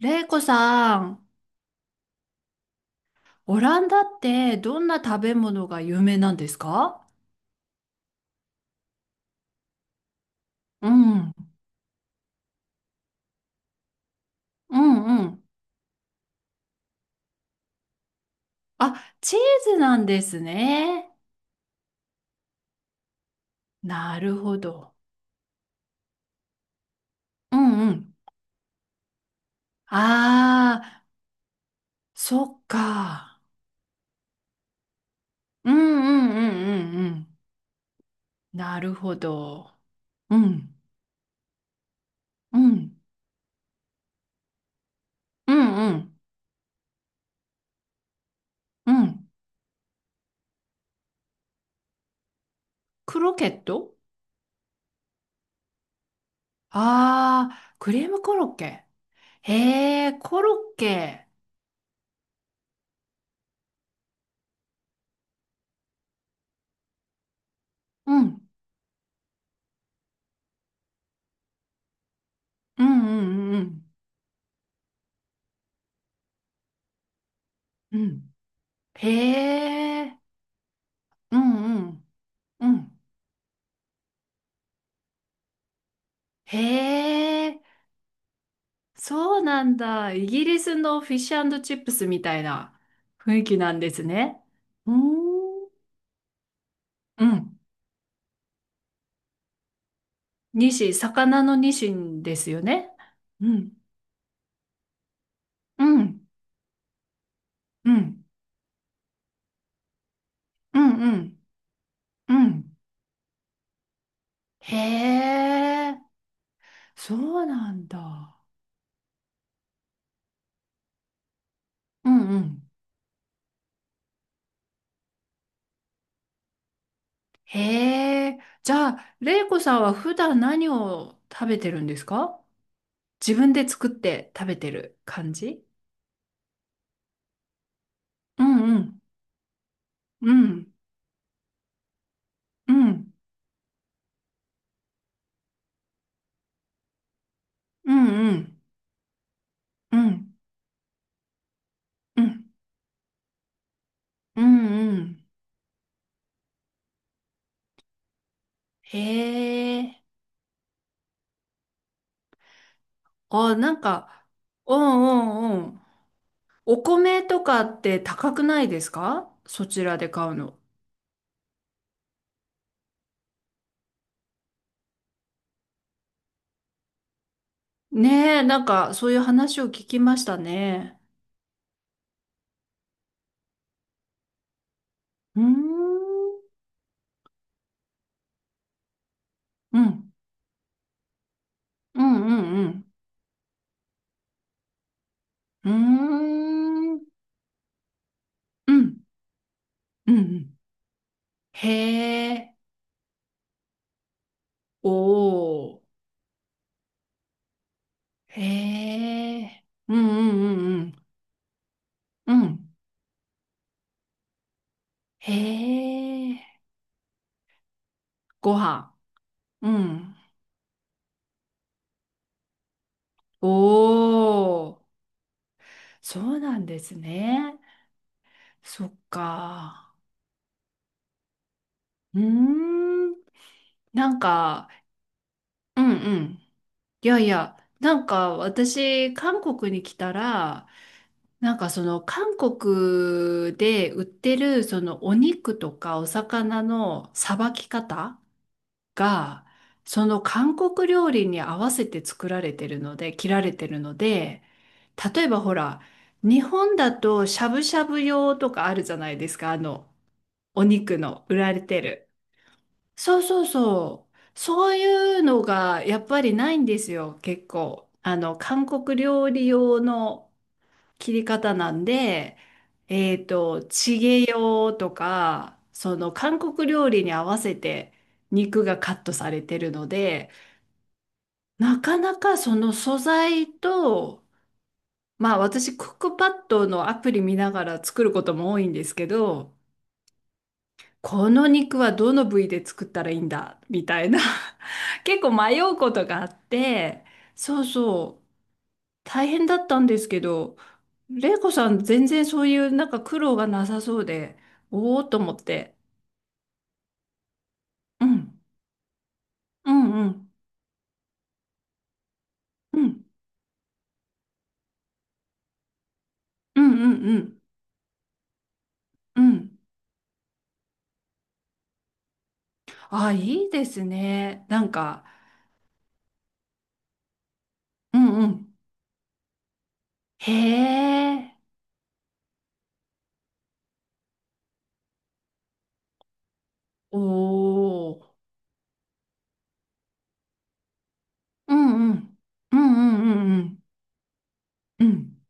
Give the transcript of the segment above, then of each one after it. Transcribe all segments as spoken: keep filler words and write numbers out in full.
れいこさん、オランダってどんな食べ物が有名なんですか？うん、うんうん。あ、チーズなんですね。なるほど。うんうん。ああ、そっか。うんうんうんうんうん。なるほど。うん、うん、うんうんうん。クロケット？ああー、クリームコロッケ。へえ、コロッケ。うん、うんうんうんうん。うん、へえ、うんうん、うん。へえ、そうなんだ。イギリスのフィッシュチップスみたいな雰囲気なんですね。うーん、うん。ニシン、魚のニシンですよね。うん、うん、うん、うん、うん、うん。へえ、そうなんだ。うんうん。へえ、じゃあ、レイコさんは普段何を食べてるんですか？自分で作って食べてる感じ？うんうんうんうんうんうんうんうんうんへえ、あ、なんかうんうんうん、お米とかって高くないですか、そちらで買うの？ねえ、なんかそういう話を聞きましたね。うーんうんうんうんうんうーんうんうんうんへえ、おおー、へえ。うんうんうんうん。うん。へえ。ご飯。うん。おー。そうなんですね。そっか。うーん。なんか、うんうん。いやいや、なんか私、韓国に来たら、なんかその韓国で売ってるそのお肉とかお魚のさばき方が、その韓国料理に合わせて作られてるので、切られてるので、例えばほら、日本だとしゃぶしゃぶ用とかあるじゃないですか、あの、お肉の売られてる。そうそうそう。そういうのがやっぱりないんですよ、結構。あの、韓国料理用の切り方なんで、えっと、チゲ用とか、その韓国料理に合わせて肉がカットされてるので、なかなかその素材と、まあ私クックパッドのアプリ見ながら作ることも多いんですけど、この肉はどの部位で作ったらいいんだみたいな、 結構迷うことがあって、そうそう、大変だったんですけど、玲子さん全然そういうなんか苦労がなさそうで、おおと思って。うん、うん、うん、うん、うん、うん、うん。うん、あ、いいですね。なんか、うん、うん。へえ。おー。うんうん。うんうんうんうん。うん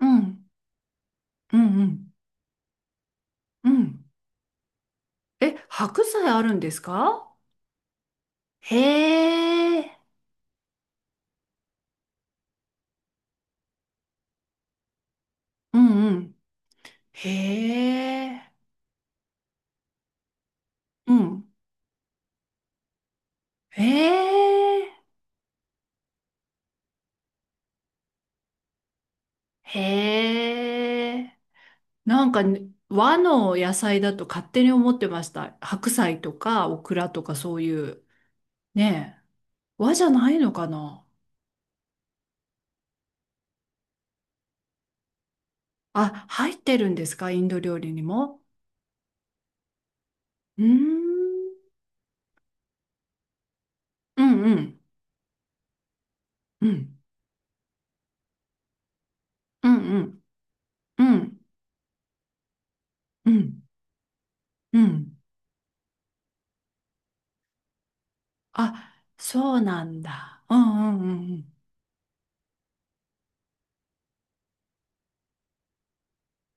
うんうんうんうん。え、白菜あるんですか？へえ。うんうん。へえ。うん。へえ。へえ。なんかね、和の野菜だと勝手に思ってました。白菜とかオクラとかそういう。ねえ。和じゃないのかな？あ、入ってるんですか、インド料理にも。うーん。うんうん。うん、うん、うん、うん、うん、うん。あ、そうなんだ。うん、うん、うんうん。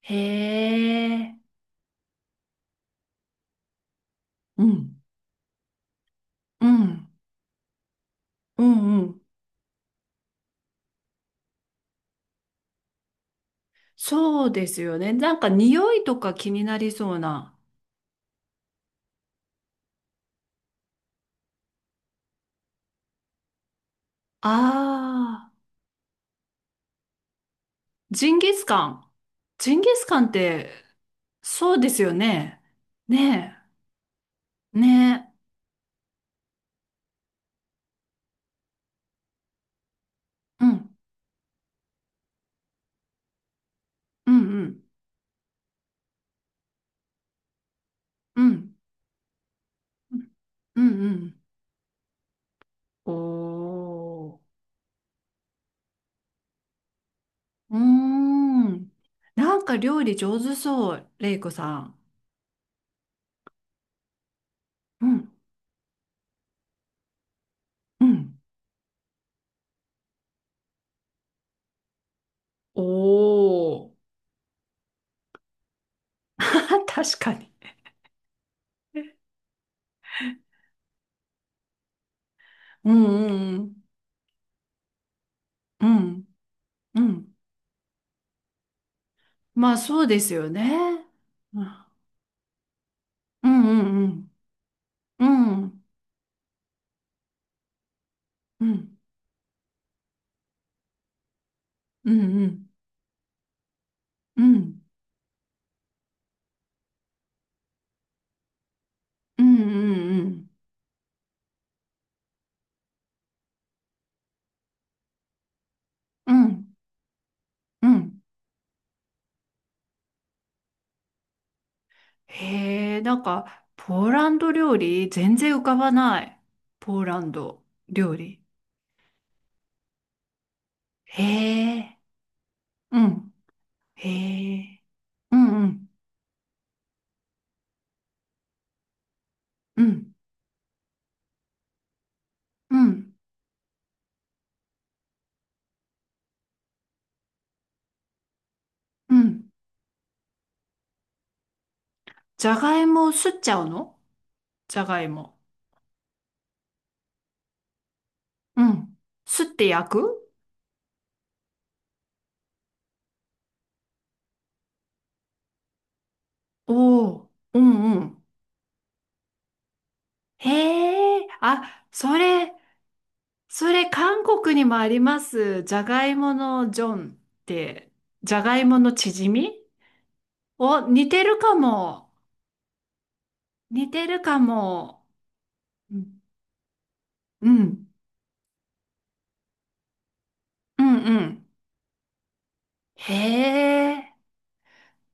へえ、うん、うん、うん、うん。そうですよね。なんか匂いとか気になりそうな。ああ、ジンギスカン。ジンギスカンって、そうですよね。ねえ、ねえ。うん、うん、うん、うん、うん、うん。うん、おー。うーん。なんか料理上手そう、レイコさん。うん。うん。おー。確かに。うんうんうん。うんうん。まあそうですよね。うんうんうん。うんうんうんうんうんうんうんうんうんへえ、なんかポーランド料理全然浮かばない。ポーランド料理。へえ。うん。へえ。うんうんうんうんうん、じゃがいもをすっちゃうの？じゃがいも。うん。すって焼く？おおー、うんうん。へえ、あ、それ、それ韓国にもあります。じゃがいものジョンって、じゃがいものチヂミ。お、似てるかも。似てるかも。うん、うん、うんうん。へえ。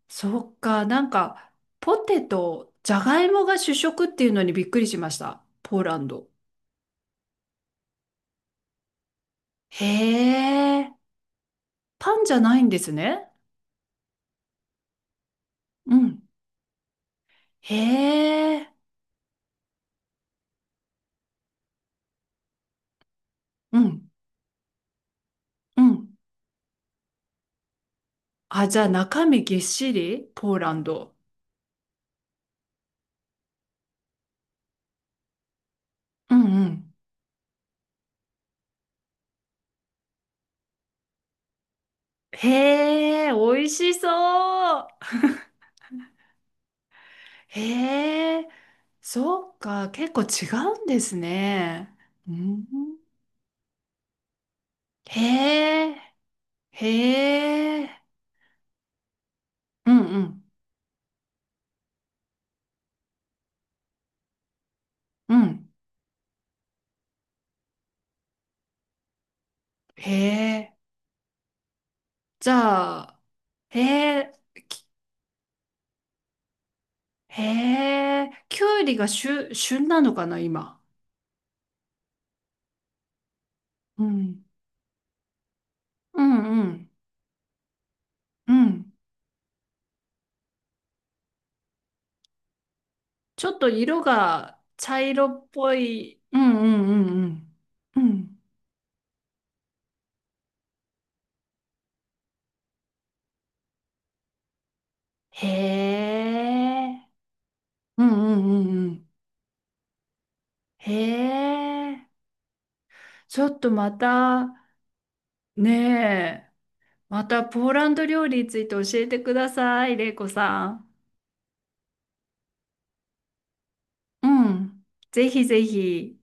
そっか、なんか、ポテト、じゃがいもが主食っていうのにびっくりしました。ポーランド。へえ、パンじゃないんですね。うん。へえ、うん、うん。あ、じゃあ中身ぎっしりポーランド。うんうん。へえ、美味しそう。へえ、そっか、結構違うんですね。うん、へえ、へえ、うんうん、うん。へ、じゃあ、へえ、き、へえ、きゅうりが旬、旬なのかな、今。うん。うんうん。うん。ちょっと色が茶色っぽい。うんうんうんうん。うん。へえ。うんうんうんうん。へえ。ちょっとまた、ねえ、またポーランド料理について教えてください、玲子さん。うん。ぜひぜひ。